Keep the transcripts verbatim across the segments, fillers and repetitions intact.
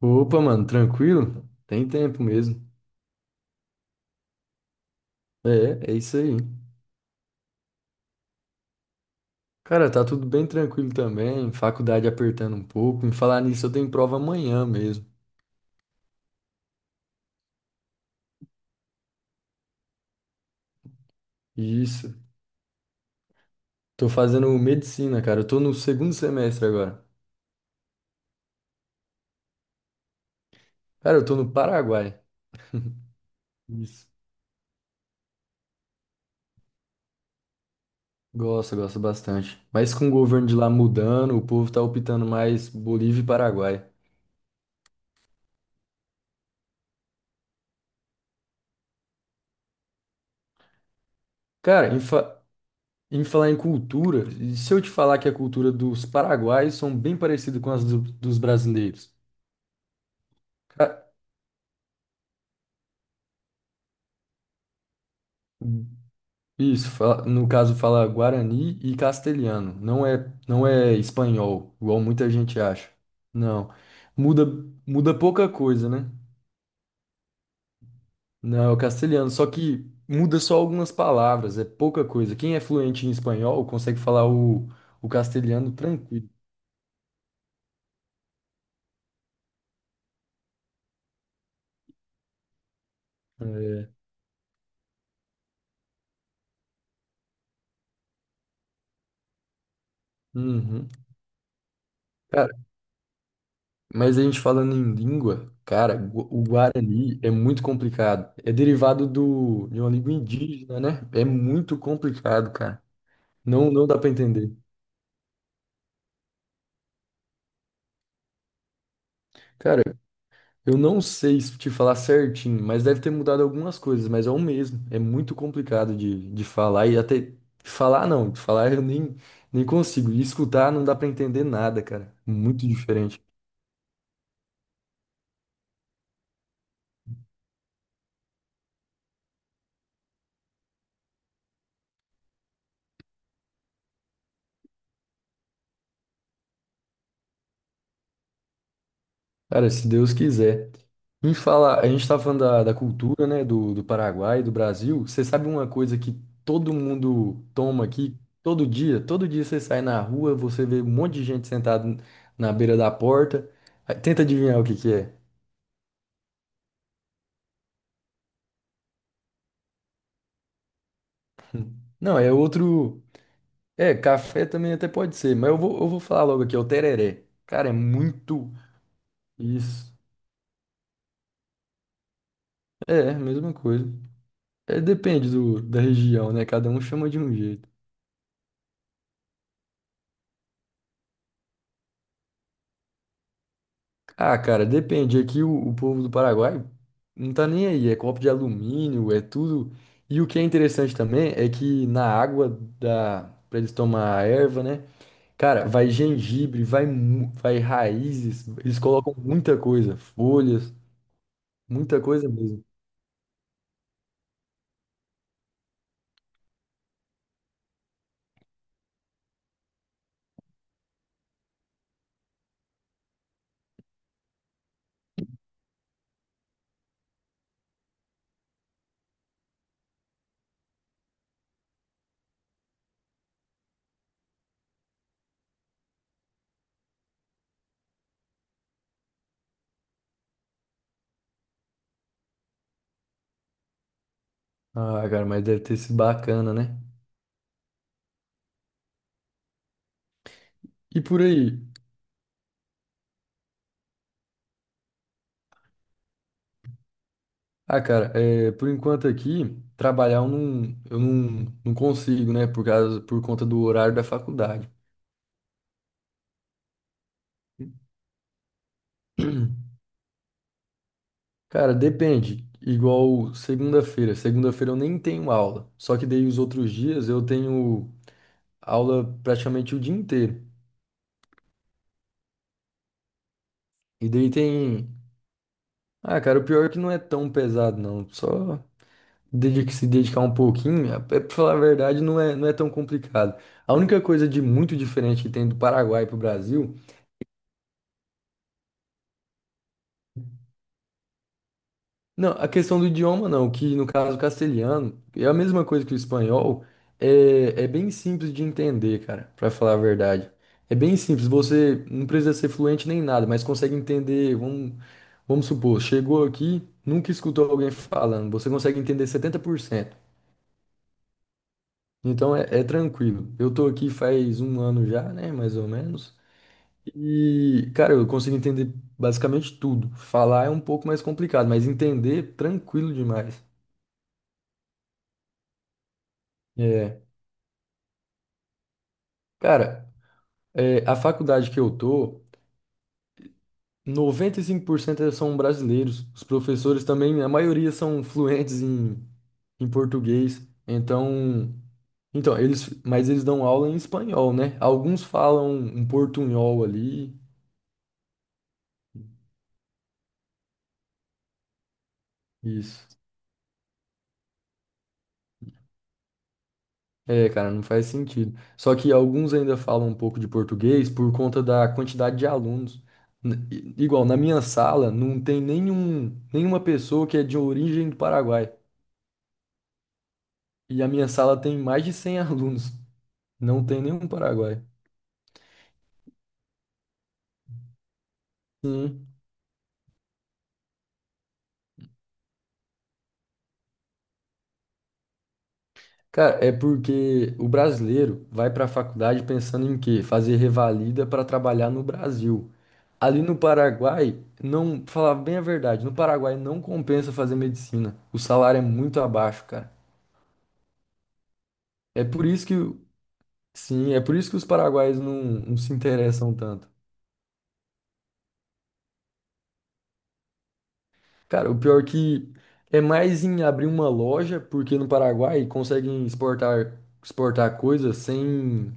Opa, mano, tranquilo? Tem tempo mesmo. É, é isso aí. Cara, tá tudo bem tranquilo também, faculdade apertando um pouco. Em falar nisso, eu tenho prova amanhã mesmo. Isso. Tô fazendo medicina, cara. Eu tô no segundo semestre agora. Cara, eu tô no Paraguai. Isso. Gosto, gosto bastante. Mas com o governo de lá mudando, o povo tá optando mais Bolívia e Paraguai. Cara, em, fa- em falar em cultura, e se eu te falar que a cultura dos paraguaios são bem parecida com as do- dos brasileiros? Isso, fa- no caso fala guarani e castelhano. Não é, não é espanhol, igual muita gente acha. Não. Muda, muda pouca coisa, né? Não, é o castelhano, só que muda só algumas palavras, é pouca coisa. Quem é fluente em espanhol consegue falar o, o castelhano tranquilo. É. Uhum. Cara, mas a gente falando em língua, cara, gu- o Guarani é muito complicado. É derivado do, de uma língua indígena, né? É muito complicado, cara. Não, não dá pra entender. Cara, eu não sei se te falar certinho, mas deve ter mudado algumas coisas, mas é o mesmo. É muito complicado de, de falar e até falar não, falar eu nem, nem consigo. E escutar não dá pra entender nada, cara. Muito diferente. Cara, se Deus quiser. Em falar, a gente tá falando da, da cultura, né, do, do Paraguai, do Brasil. Você sabe uma coisa que todo mundo toma aqui todo dia? Todo dia você sai na rua, você vê um monte de gente sentada na beira da porta. Aí, tenta adivinhar o que que é. Não, é outro. É, café também até pode ser, mas eu vou, eu vou falar logo aqui, é o tereré. Cara, é muito isso. É, mesma coisa. É, depende do, da região, né? Cada um chama de um jeito. Ah, cara, depende. Aqui o, o povo do Paraguai não tá nem aí. É copo de alumínio, é tudo. E o que é interessante também é que na água da para eles tomar a erva, né? Cara, vai gengibre, vai mu- vai raízes. Eles colocam muita coisa, folhas, muita coisa mesmo. Ah, cara, mas deve ter sido bacana, né? E por aí? Ah, cara, é, por enquanto aqui trabalhar eu não, eu não, não consigo, né? Por causa por conta do horário da faculdade. Cara, depende. Igual segunda-feira. Segunda-feira eu nem tenho aula. Só que daí os outros dias eu tenho aula praticamente o dia inteiro. E daí tem. Ah, cara, o pior é que não é tão pesado, não. Só dedica se dedicar um pouquinho. É, é, pra falar a verdade, não é, não é tão complicado. A única coisa de muito diferente que tem do Paraguai pro Brasil. Não, a questão do idioma não, que no caso o castelhano é a mesma coisa que o espanhol, é, é bem simples de entender, cara, pra falar a verdade. É bem simples, você não precisa ser fluente nem nada, mas consegue entender, vamos, vamos supor, chegou aqui, nunca escutou alguém falando, você consegue entender setenta por cento. Então é, é tranquilo. Eu tô aqui faz um ano já, né, mais ou menos, e, cara, eu consigo entender basicamente tudo. Falar é um pouco mais complicado, mas entender, tranquilo demais. É. Cara, é, a faculdade que eu tô, noventa e cinco por cento são brasileiros. Os professores também, a maioria são fluentes em, em português. Então, então eles, mas eles dão aula em espanhol, né? Alguns falam um portunhol ali. Isso. É, cara, não faz sentido. Só que alguns ainda falam um pouco de português por conta da quantidade de alunos. N- i- Igual, na minha sala não tem nenhum, nenhuma pessoa que é de origem do Paraguai. E a minha sala tem mais de cem alunos. Não tem nenhum paraguaio. Sim. Cara, é porque o brasileiro vai para a faculdade pensando em quê? Fazer revalida para trabalhar no Brasil. Ali no Paraguai, não, pra falar bem a verdade, no Paraguai não compensa fazer medicina. O salário é muito abaixo, cara. É por isso que, sim, é por isso que os paraguaios não, não se interessam tanto. Cara, o pior que é mais em abrir uma loja, porque no Paraguai conseguem exportar, exportar, coisas sem,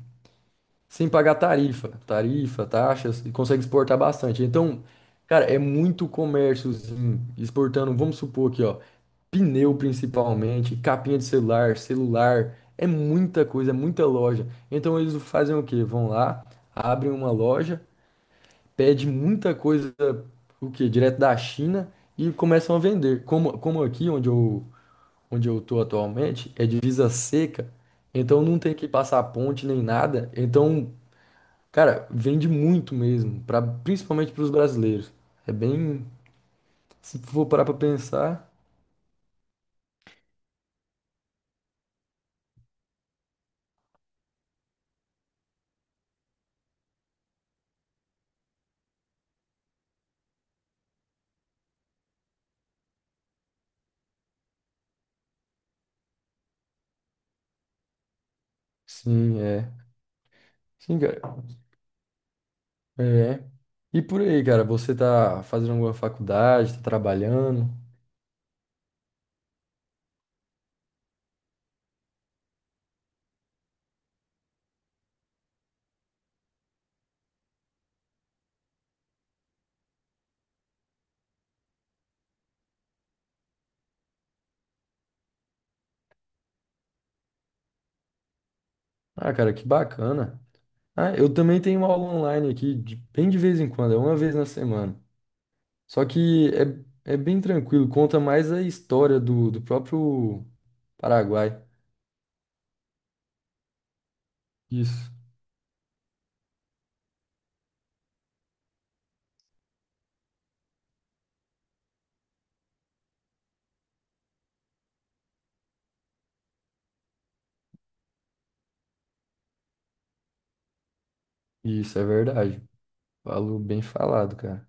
sem pagar tarifa, tarifa, taxas, e conseguem exportar bastante. Então, cara, é muito comérciozinho exportando, vamos supor aqui, ó, pneu principalmente, capinha de celular, celular, é muita coisa, é muita loja. Então eles fazem o quê? Vão lá, abrem uma loja pede muita coisa, o quê? Direto da China e começam a vender. Como, como aqui onde eu, onde eu tô atualmente, é divisa seca, então não tem que passar ponte nem nada. Então, cara, vende muito mesmo, pra, principalmente para os brasileiros. É bem, se for parar pra pensar, sim, é. Sim, cara. É. E por aí, cara, você tá fazendo alguma faculdade, tá trabalhando? Ah, cara, que bacana. Ah, eu também tenho uma aula online aqui, de- bem de vez em quando, é uma vez na semana. Só que é, é bem tranquilo, conta mais a história do, do próprio Paraguai. Isso, isso é verdade. Falou bem falado, cara.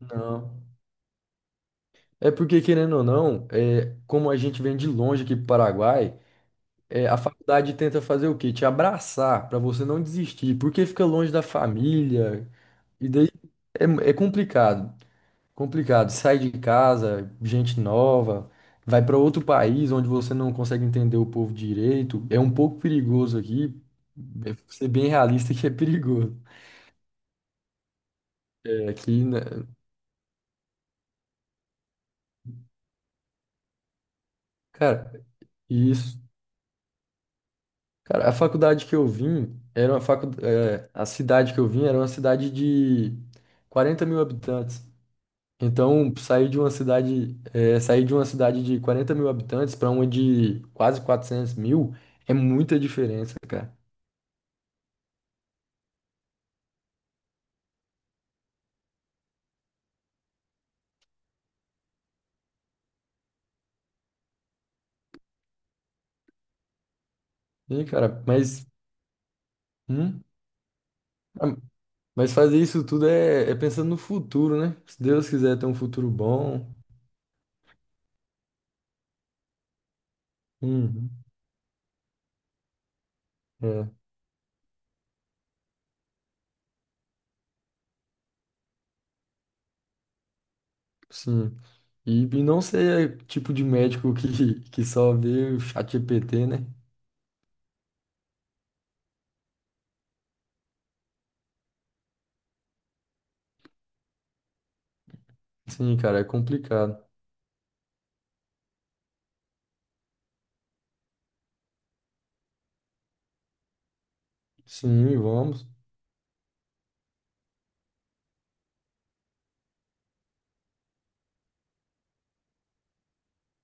Não. É porque, querendo ou não, é, como a gente vem de longe aqui pro Paraguai, é, a faculdade tenta fazer o quê? Te abraçar, pra você não desistir, porque fica longe da família, e daí é, é complicado. Complicado. Sai de casa, gente nova, vai para outro país onde você não consegue entender o povo direito. É um pouco perigoso aqui. É, ser bem realista que é perigoso. É, aqui, né? Cara, isso. Cara, a faculdade que eu vim era uma facu... é, a cidade que eu vim era uma cidade de quarenta mil habitantes. Então, sair de uma cidade, é, sair de uma cidade de quarenta mil habitantes para uma de quase quatrocentos mil é muita diferença, cara. Sim, cara, mas, hum, ah, mas fazer isso tudo é, é pensando no futuro, né? Se Deus quiser ter um futuro bom, hum, é, sim. E, e não ser tipo de médico que, que só vê o chat G P T, né? Sim, cara, é complicado. Sim, vamos.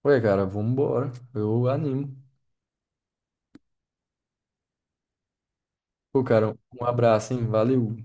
Ué, cara, vamos embora. Eu animo. Pô, cara, um abraço, hein? Valeu.